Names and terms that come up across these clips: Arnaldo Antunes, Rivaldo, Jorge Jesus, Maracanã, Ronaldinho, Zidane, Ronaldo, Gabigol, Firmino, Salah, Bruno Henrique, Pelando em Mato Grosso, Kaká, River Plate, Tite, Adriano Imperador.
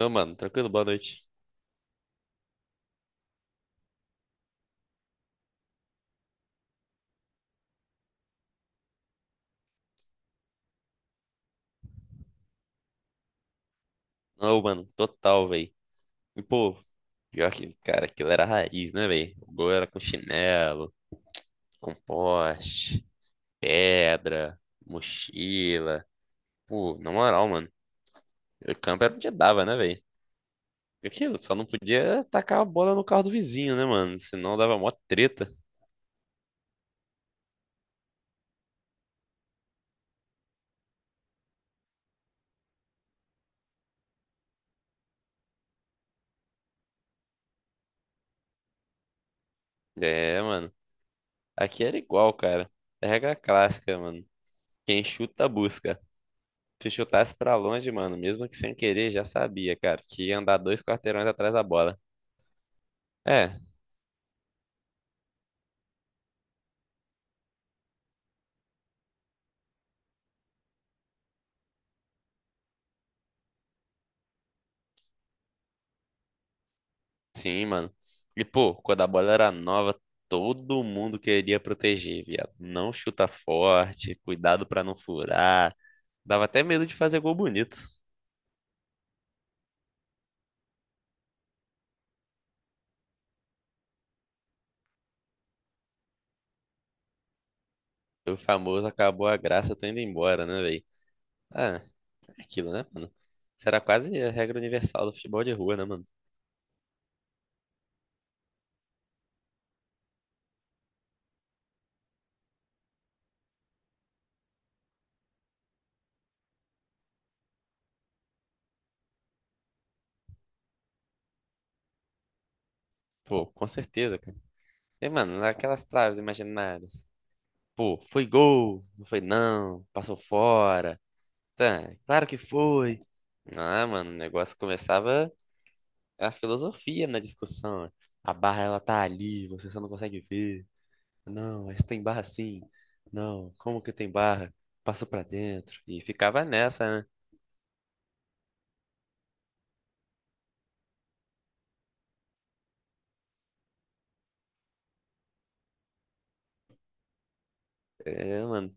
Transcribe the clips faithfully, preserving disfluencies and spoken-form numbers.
Ô, mano, tranquilo, boa noite. Ô, mano, total, véi. E, pô, pior que, cara, aquilo era raiz, né, véi? O gol era com chinelo, com poste, pedra, mochila. Pô, na moral, mano, o campo era onde dava, né, véi? Aquilo, só não podia tacar a bola no carro do vizinho, né, mano? Senão dava mó treta. É, mano, aqui era igual, cara. É regra clássica, mano. Quem chuta, busca. Se chutasse pra longe, mano, mesmo que sem querer, já sabia, cara, que ia andar dois quarteirões atrás da bola. É, sim, mano. E, pô, quando a bola era nova, todo mundo queria proteger, viado. Não chuta forte, cuidado pra não furar. Dava até medo de fazer gol bonito. O famoso acabou a graça, tô indo embora, né, velho? Ah, é aquilo, né, mano? Isso era quase a regra universal do futebol de rua, né, mano? Pô, com certeza, cara. E, mano, aquelas traves imaginárias. Pô, foi gol, não foi não, passou fora. Tá, claro que foi. Ah, mano, o negócio começava. É a filosofia na discussão. A barra, ela tá ali, você só não consegue ver. Não, mas tem barra sim. Não, como que tem barra? Passa pra dentro. E ficava nessa, né? É, mano.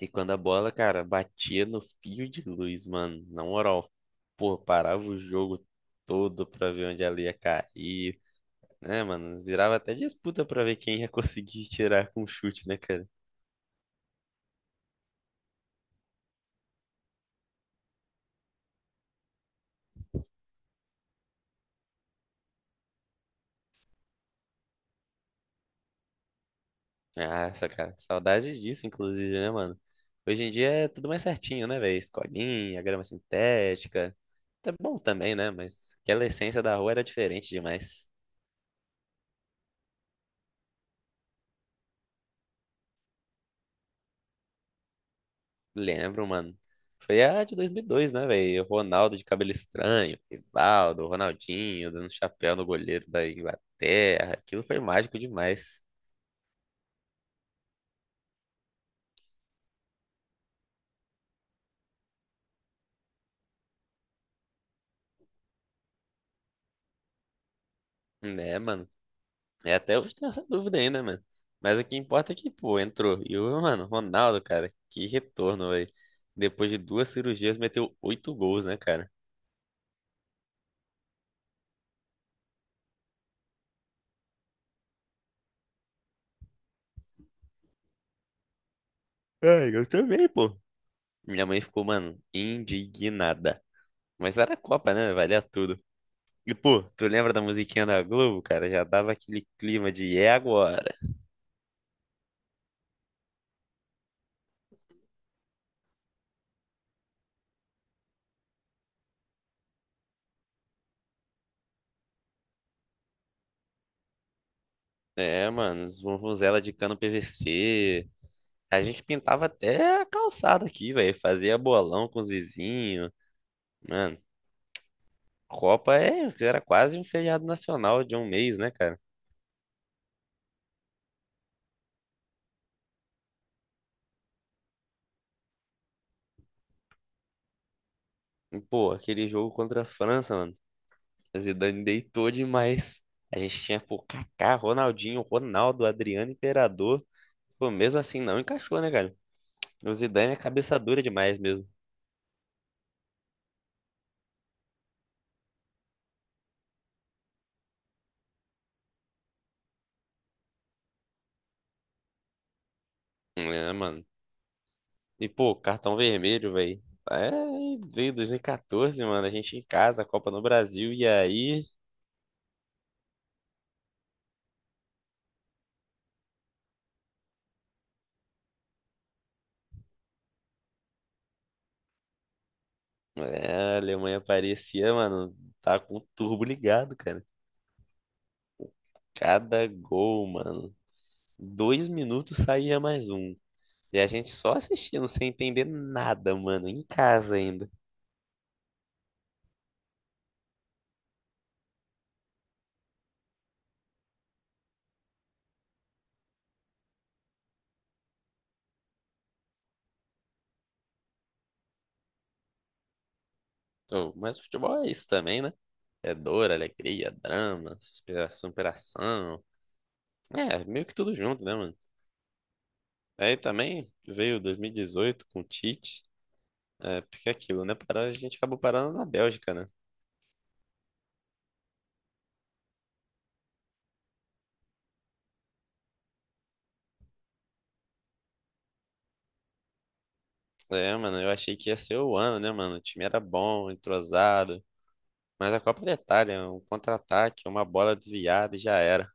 E quando a bola, cara, batia no fio de luz, mano. Na moral, pô, parava o jogo todo pra ver onde ela ia cair. Né, mano? Virava até disputa pra ver quem ia conseguir tirar com chute, né, cara? Nossa, cara, saudade disso, inclusive, né, mano? Hoje em dia é tudo mais certinho, né, velho? Escolinha, grama sintética. Tá bom também, né? Mas aquela essência da rua era diferente demais. Lembro, mano. Foi a de dois mil e dois, né, velho? Ronaldo de cabelo estranho, Rivaldo, Ronaldinho dando chapéu no goleiro da Inglaterra. Aquilo foi mágico demais. Né, mano? É, até hoje tem essa dúvida ainda, né, mano. Mas o que importa é que, pô, entrou. E o, mano, Ronaldo, cara, que retorno, velho. Depois de duas cirurgias, meteu oito gols, né, cara? É, eu também, pô. Minha mãe ficou, mano, indignada. Mas era a Copa, né? Valia tudo. E, pô, tu lembra da musiquinha da Globo, cara? Já dava aquele clima de é agora. É, mano, os vuvuzela de cano P V C. A gente pintava até a calçada aqui, velho. Fazia bolão com os vizinhos. Mano, Copa é, era quase um feriado nacional de um mês, né, cara? E, pô, aquele jogo contra a França, mano. A Zidane deitou demais. A gente tinha, pô, Kaká, Ronaldinho, Ronaldo, Adriano Imperador. Pô, mesmo assim não encaixou, né, cara? O Zidane é cabeça dura demais mesmo. É, mano. E, pô, cartão vermelho, velho. É, veio dois mil e quatorze, mano. A gente em casa, a Copa no Brasil. E aí, é, a Alemanha parecia, mano, tá com o turbo ligado, cara. Cada gol, mano. Dois minutos saía mais um. E a gente só assistindo, sem entender nada, mano, em casa ainda. Ô, mas futebol é isso também, né? É dor, alegria, drama, supera- superação. É, meio que tudo junto, né, mano? Aí também veio dois mil e dezoito com o Tite. É, porque é aquilo, né? Parou, a gente acabou parando na Bélgica, né? É, mano, eu achei que ia ser o ano, né, mano? O time era bom, entrosado. Mas a Copa da Itália, um contra-ataque, uma bola desviada e já era.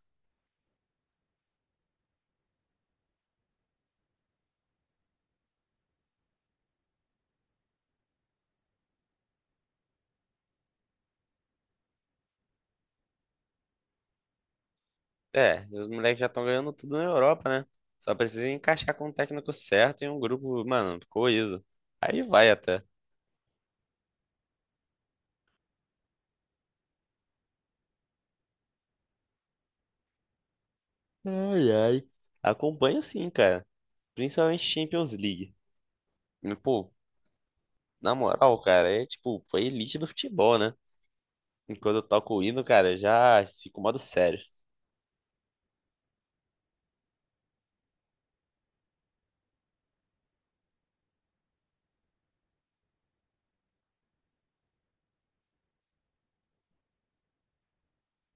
É, os moleques já estão ganhando tudo na Europa, né? Só precisa encaixar com o técnico certo e um grupo, mano, coeso. Aí vai até. Ai, ai. Acompanho sim, cara. Principalmente Champions League. E, pô, na moral, cara, é tipo, foi elite do futebol, né? Enquanto eu toco o hino, cara, já fico modo sério.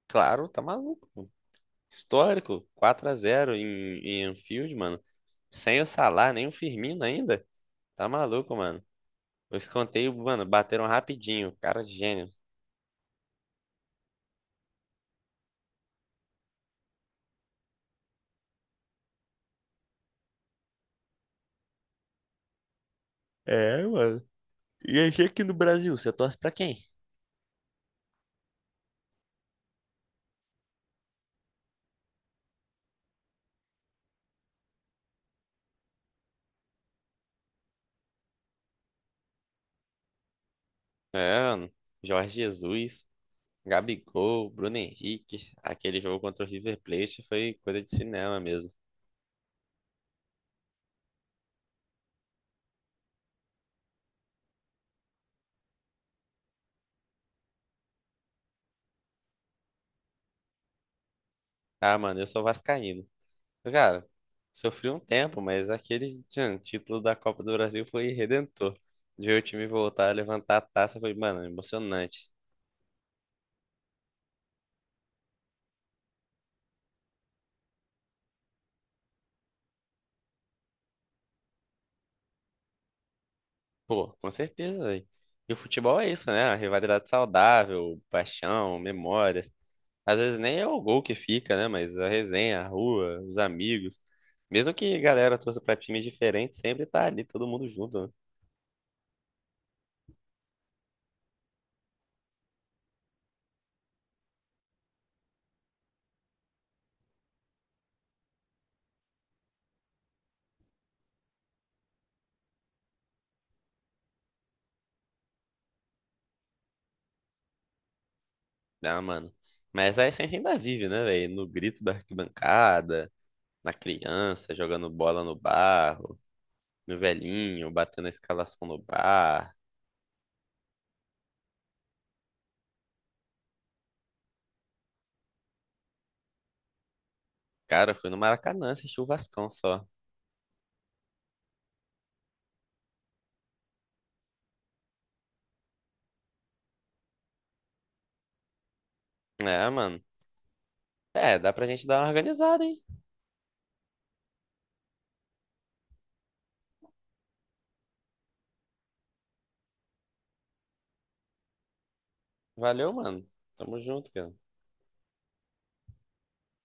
Claro, tá maluco. Histórico, quatro a zero em, em, Anfield, mano. Sem o Salah, nem o Firmino ainda. Tá maluco, mano. Os escanteio, mano, bateram rapidinho. Cara, gênio. É, mano. E aí, aqui no Brasil, você torce pra quem? É, mano. Jorge Jesus, Gabigol, Bruno Henrique. Aquele jogo contra o River Plate foi coisa de cinema mesmo. Ah, mano, eu sou vascaíno. Cara, sofri um tempo, mas aquele tchan, título da Copa do Brasil foi redentor. De ver o time voltar a levantar a taça foi, mano, emocionante. Pô, com certeza, velho. E o futebol é isso, né? A rivalidade saudável, paixão, memória. Às vezes nem é o gol que fica, né? Mas a resenha, a rua, os amigos. Mesmo que a galera torça pra times diferentes, sempre tá ali todo mundo junto, né? Ah, mano. Mas a essência ainda vive, né, velho? No grito da arquibancada, na criança, jogando bola no barro, no velhinho, batendo a escalação no bar. Cara, eu fui no Maracanã assistir o Vascão só. É, mano. É, dá pra gente dar uma organizada, hein? Valeu, mano. Tamo junto, cara.